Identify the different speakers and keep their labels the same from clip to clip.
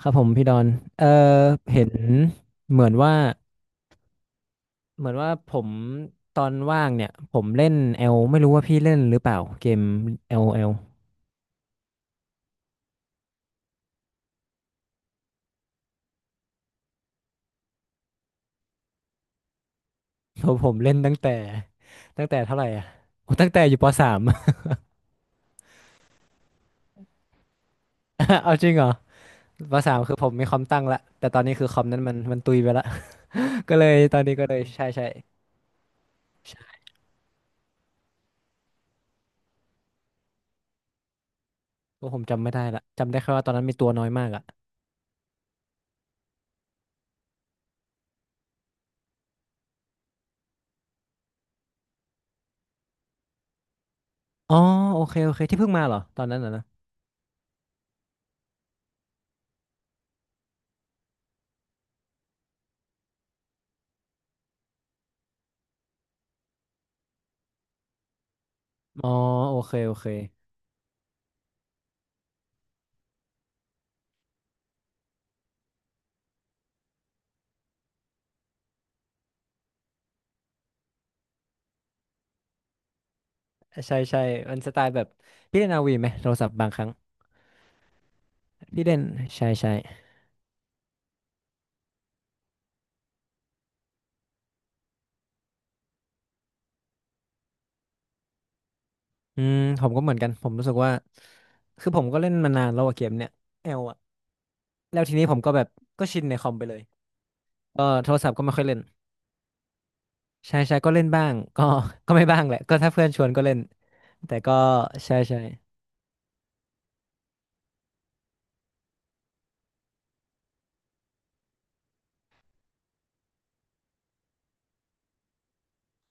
Speaker 1: ครับผมพี่ดอนเอ่อเห็นเหมือนว่าเหมือนว่าผมตอนว่างเนี่ยผมเล่นเอลไม่รู้ว่าพี่เล่นหรือเปล่าเกมเอลเอลผมเล่นตั้งแต่ตั้งแต่เท่าไหร่อ่ะโอ้ตั้งแต่อยู่ปสาม เอาจริงเหรอปสามคือผมมีคอมตั้งละแต่ตอนนี้คือคอมนั้นมันตุยไปละ ก็เลยตอนนี้ก็เลยใช่ใช่ใช่ก็ผมจำไม่ได้ละจำได้แค่ว่าตอนนั้นมีตัวน้อยมากอ่ะอ๋อโอเคโอเคที่เพิ่งมาเหรอตอนนั้นน่ะนะอ๋อโอเคโอเค ใช่ใช่มันสไตล์แบบพี่เล่นอาวีไหมโทรศัพท์บางครั้งพี่เล่นใช่ใช่อืมผมก็เหมือนกันผมรู้สึกว่าคือผมก็เล่นมานานแล้วอะเกมเนี้ยเอลอะแล้วทีนี้ผมก็แบบก็ชินในคอมไปเลยก็โทรศัพท์ก็ไม่ค่อยเล่นใช่ใช่ก็เล่นบ้างก็ ก็ไม่บ้างแหละก็ถ้าเพื่อนชวนก็เล่นแต่ก็ใช่ใช่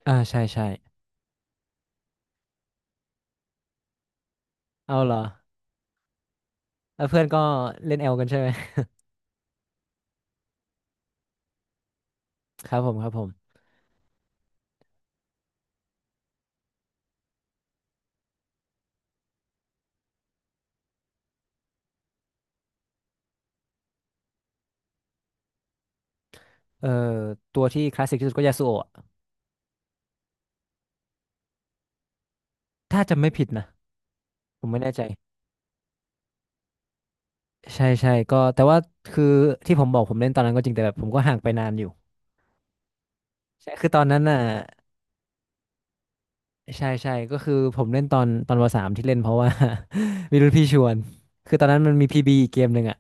Speaker 1: อ่าใช่ใช่เอาเหรอแล้วเพื่อนก็เล่นเอลกันใช่ไหม ครับผมครับผมเอ่อตัวที่คลาสสิกที่สุดก็ยาสุโอะถ้าจำไม่ผิดนะผมไม่แน่ใจ ใช่ใช่ก็แต่ว่าคือที่ผมบอกผมเล่นตอนนั้นก็จริงแต่แบบผมก็ห่างไปนานอยู่ใช่คือตอนนั้นน่ะใช่ใช่ก็คือผมเล่นตอนตอนวสามที่เล่นเพราะว่า มีรุ่นพี่ชวนคือตอนนั้นมันมีพีบีอีกเกมหนึ่งอะ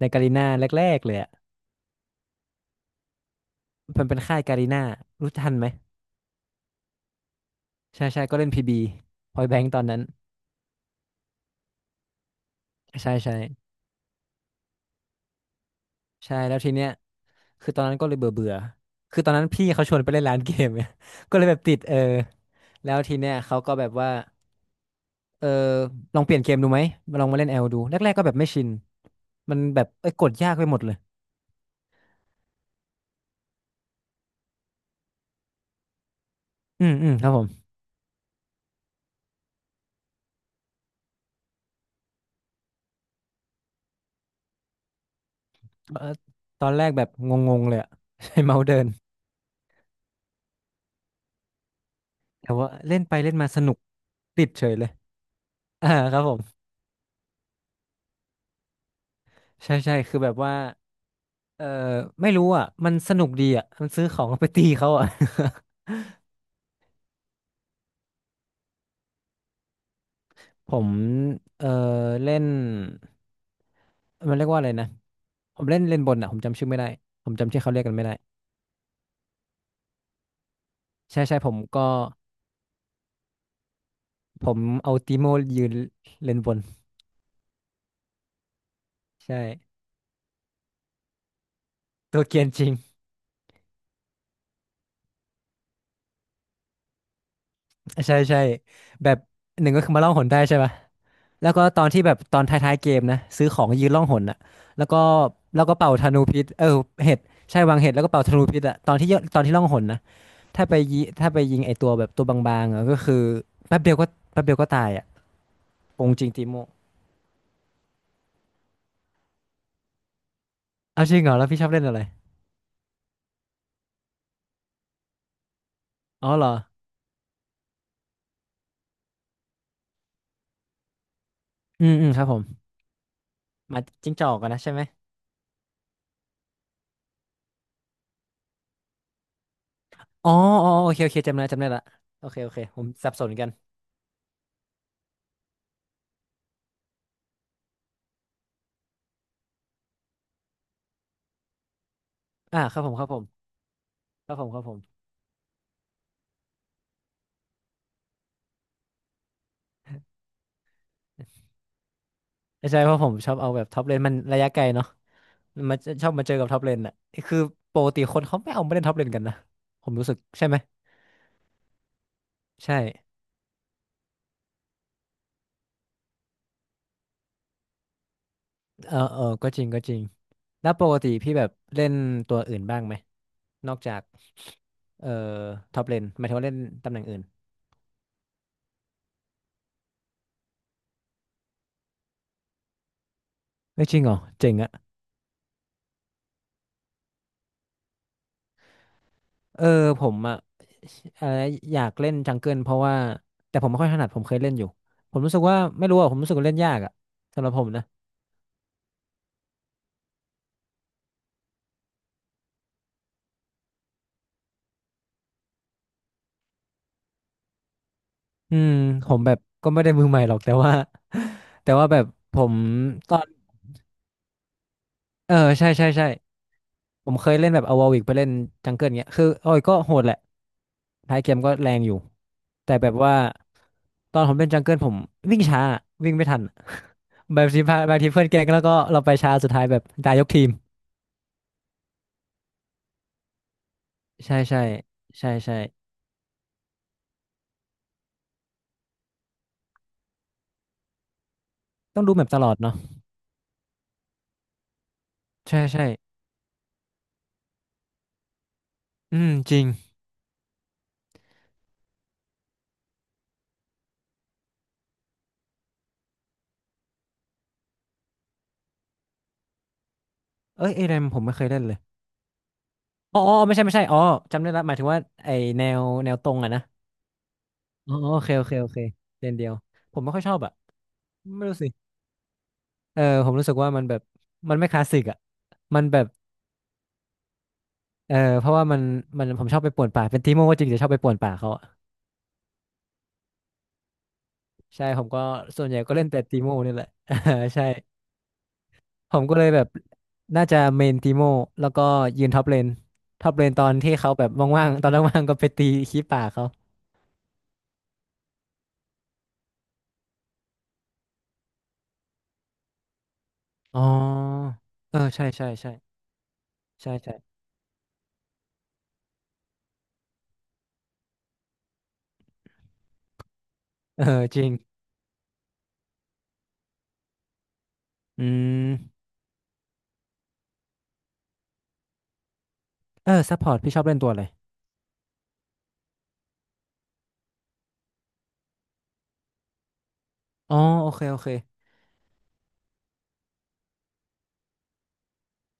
Speaker 1: ในกาลีนาแรกๆเลยอะมันเป็นค่ายกาลีนารู้ทันไหมใช่ใช่ก็เล่นพีบีพอยแบงค์ตอนนั้นใช่ใช่ใช่แล้วทีเนี้ยคือตอนนั้นก็เลยเบื่อเบื่อคือตอนนั้นพี่เขาชวนไปเล่นร้านเกมเนี่ย ก็เลยแบบติดเออแล้วทีเนี้ยเขาก็แบบว่า เออลองเปลี่ยนเกมดูไหมลองมาเล่นแอลดูแรกๆก็แบบไม่ชินมันแบบเอ้ยกดยากไปหมดเลยอืมครับผมเอ่อตอนแรกแบบงงๆเลยอะ ใช้เมาส์เดินแต่ว่าเล่นไปเล่นมาสนุกติดเฉยเลย อ่าครับผมใช่ใช่คือแบบว่าเออไม่รู้อ่ะมันสนุกดีอ่ะมันซื้อของไปตีเขาอ่ะ ผมเออเล่นมันเรียกว่าอะไรนะผมเล่นเล่นบนอ่ะผมจำชื่อไม่ได้ผมจำชื่อเขาเรียกกันไม่ได้ใช่ใช่ผมก็ผมเอาติโมยืนเล่นบน ใช่ตัวเกรียนจริงใช่ใช่แบบหนึ่งก็คือมาล่องหนได้ใช่ปะแล้วก็ตอนที่แบบตอนท้ายๆเกมนะซื้อของยืนล่องหนอะแล้วก็แล้วก็เป่าธนูพิษเออเห็ดใช่วางเห็ดแล้วก็เป่าธนูพิษอะตอนที่ยตอนที่ล่องหนนะถ้าไปยิถ้าไปยิงไอตัวแบบตัวบางๆอะก็คือแป๊บเดียวก็แป๊บเดียวก็ตายอะโกงจริงติโมเอาจริงเหรอแล้วพี่ชอบเล่นอะไรอ๋อเหรออืมอืมครับผมหมาจิ้งจอกกันนะใช่ไหมอ๋ออ๋อโอเคโอเคจำได้จำได้ละโอเคโอเคผมสับสนกันอ่าครับผมครับผมครับผมครับผม ไม่ใช่เพราะผมชอบเอาแบบท็อปเลนมันระยะไกลเนาะมันมาชอบมาเจอกับท็อปเลนอ่ะคือปกติคนเขาไม่เอามาเล่นท็อปเลนกันนะผมรู้สึกใช่ไหมใช่เออเออก็จริงก็จริงแล้วปกติพี่แบบเล่นตัวอื่นบ้างไหมนอกจากเอ่อท็อปเลนหมายถึงว่าเล่นตำแหน่งอื่นไม่จริงเหรอเจ๋งอะเออผมอะอะไรอยากเล่นจังเกิลเพราะว่าแต่ผมไม่ค่อยถนัดผมเคยเล่นอยู่ผมรู้สึกว่าไม่รู้อะผมรู้สึกว่าเล่นยากอะสำหรับผมนะ อืมผมแบบก็ไม่ได้มือใหม่หรอกแต่ว่า แต่ว่าแบบผมตอนเออใช่ใช่ใช่ผมเคยเล่นแบบเอาวอวิกไปเล่นจังเกิลเงี้ยคือโอ้ยก็โหดแหละท้ายเกมก็แรงอยู่แต่แบบว่าตอนผมเล่นจังเกิลผมวิ่งช้าวิ่งไม่ทัน แบบทีมพาบางทีเพื่อนแกล้งแล้วก็เราไปช้าสุดท้ายแบบตายยกทีมใช่ใช่ใช่ใช่ต้องดูแมปตลอดเนาะใช่ใช่อืมจริงเอ้ยเอเดมผมไม่เคยเล่นเลยอ๋ออ๋อไม่ใช่ไม่ใช่อ๋อจำได้ละหมายถึงว่าไอแนวแนวตรงอะนะ อ๋อโอเคโอเคโอเคเลนเดียวผมไม่ค่อยชอบอ่ะไม่รู้สิเออผมรู้สึกว่ามันแบบมันไม่คลาสสิกอ่ะมันแบบเออเพราะว่ามันมันผมชอบไปป่วนป่าเป็นตีโมก็จริงแต่ชอบไปป่วนป่าเขาอะใช่ผมก็ส่วนใหญ่ก็เล่นแต่ตีโมนี่แหละ ใช่ผมก็เลยแบบน่าจะเมนตีโมแล้วก็ยืนท็อปเลนท็อปเลนตอนที่เขาแบบว่างๆตอนว่างๆก็ไปตีขี้ป่าเขาอ๋อเออใช่ใช่ใช่ใช่ใช่เออจริงอืมเออซัพพอร์ตพี่ชอบเล่นตัวอะไรอ๋อโอเคโอเค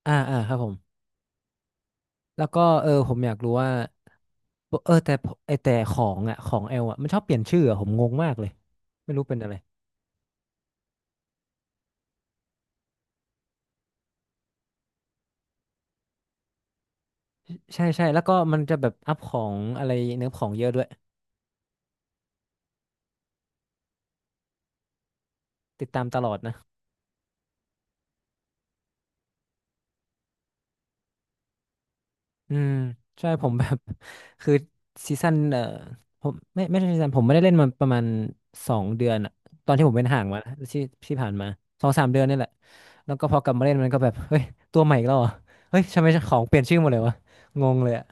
Speaker 1: อ่าอ่าครับผมแล้วก็เออผมอยากรู้ว่าปกเออแต่ผมไอแต่ของอ่ะของเอลอ่ะมันชอบเปลี่ยนชื่ออะผมงงมากเลยไม่รู้เป็นอะไรใช่ใช่แล้วก็มันจะแบบอัพของอะไรเนื้อของเยอะด้วยติดตามตลอดนะอืมใช่ผมแบบ คือซีซั่นเออผมไม่ไม่ใช่ซีซั่นผมไม่ได้เล่นมาประมาณ2 เดือนอะตอนที่ผมเป็นห่างมานะที่ที่ผ่านมา2-3 เดือนนี่แหละแล้วก็พอกลับมาเล่นมันก็แบบเฮ้ยตัวใหม่อีกแล้วเหรอเฮ้ยทำไมของเปลี่ยนชื่อหมดเลยวะงงเลยอะ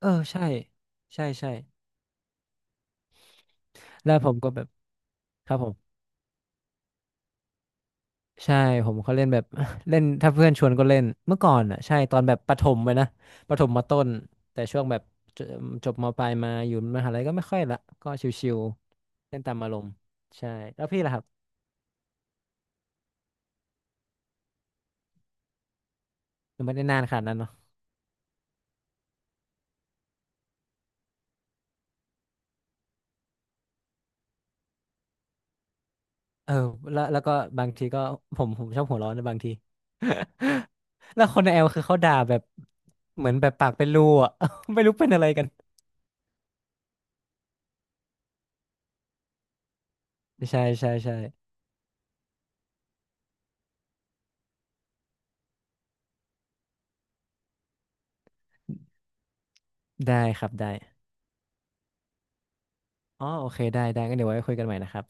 Speaker 1: เออใช่ใช่ใช่แล้วผมก็แบบครับผมใช่ผมเขาเล่นแบบ เล่นถ้าเพื่อนชวนก็เล่นเมื่อก่อนอ่ะใช่ตอนแบบประถมไปนะประถมมาต้นแต่ช่วงแบบจจบมปลายมาอยู่มหาลัยก็ไม่ค่อยละก็ชิวๆเล่นตามอารมณ์ใช่แล้วพี่ล่ะครับยังไม่ได้นานขนาดนั้นเนาะเออแล้วแล้วก็บางทีก็ผมชอบหัวร้อนนะบางทีแล้วคนในแอลคือเขาด่าแบบเหมือนแบบปากเป็นรูอ่ะ ไม่รู้เป็นอะไรกันใช่ใช่ใช่ได้ครับได้ อ๋อโอเคได้ได้งั้นเดี๋ยวไว้คุยกันใหม่นะครับ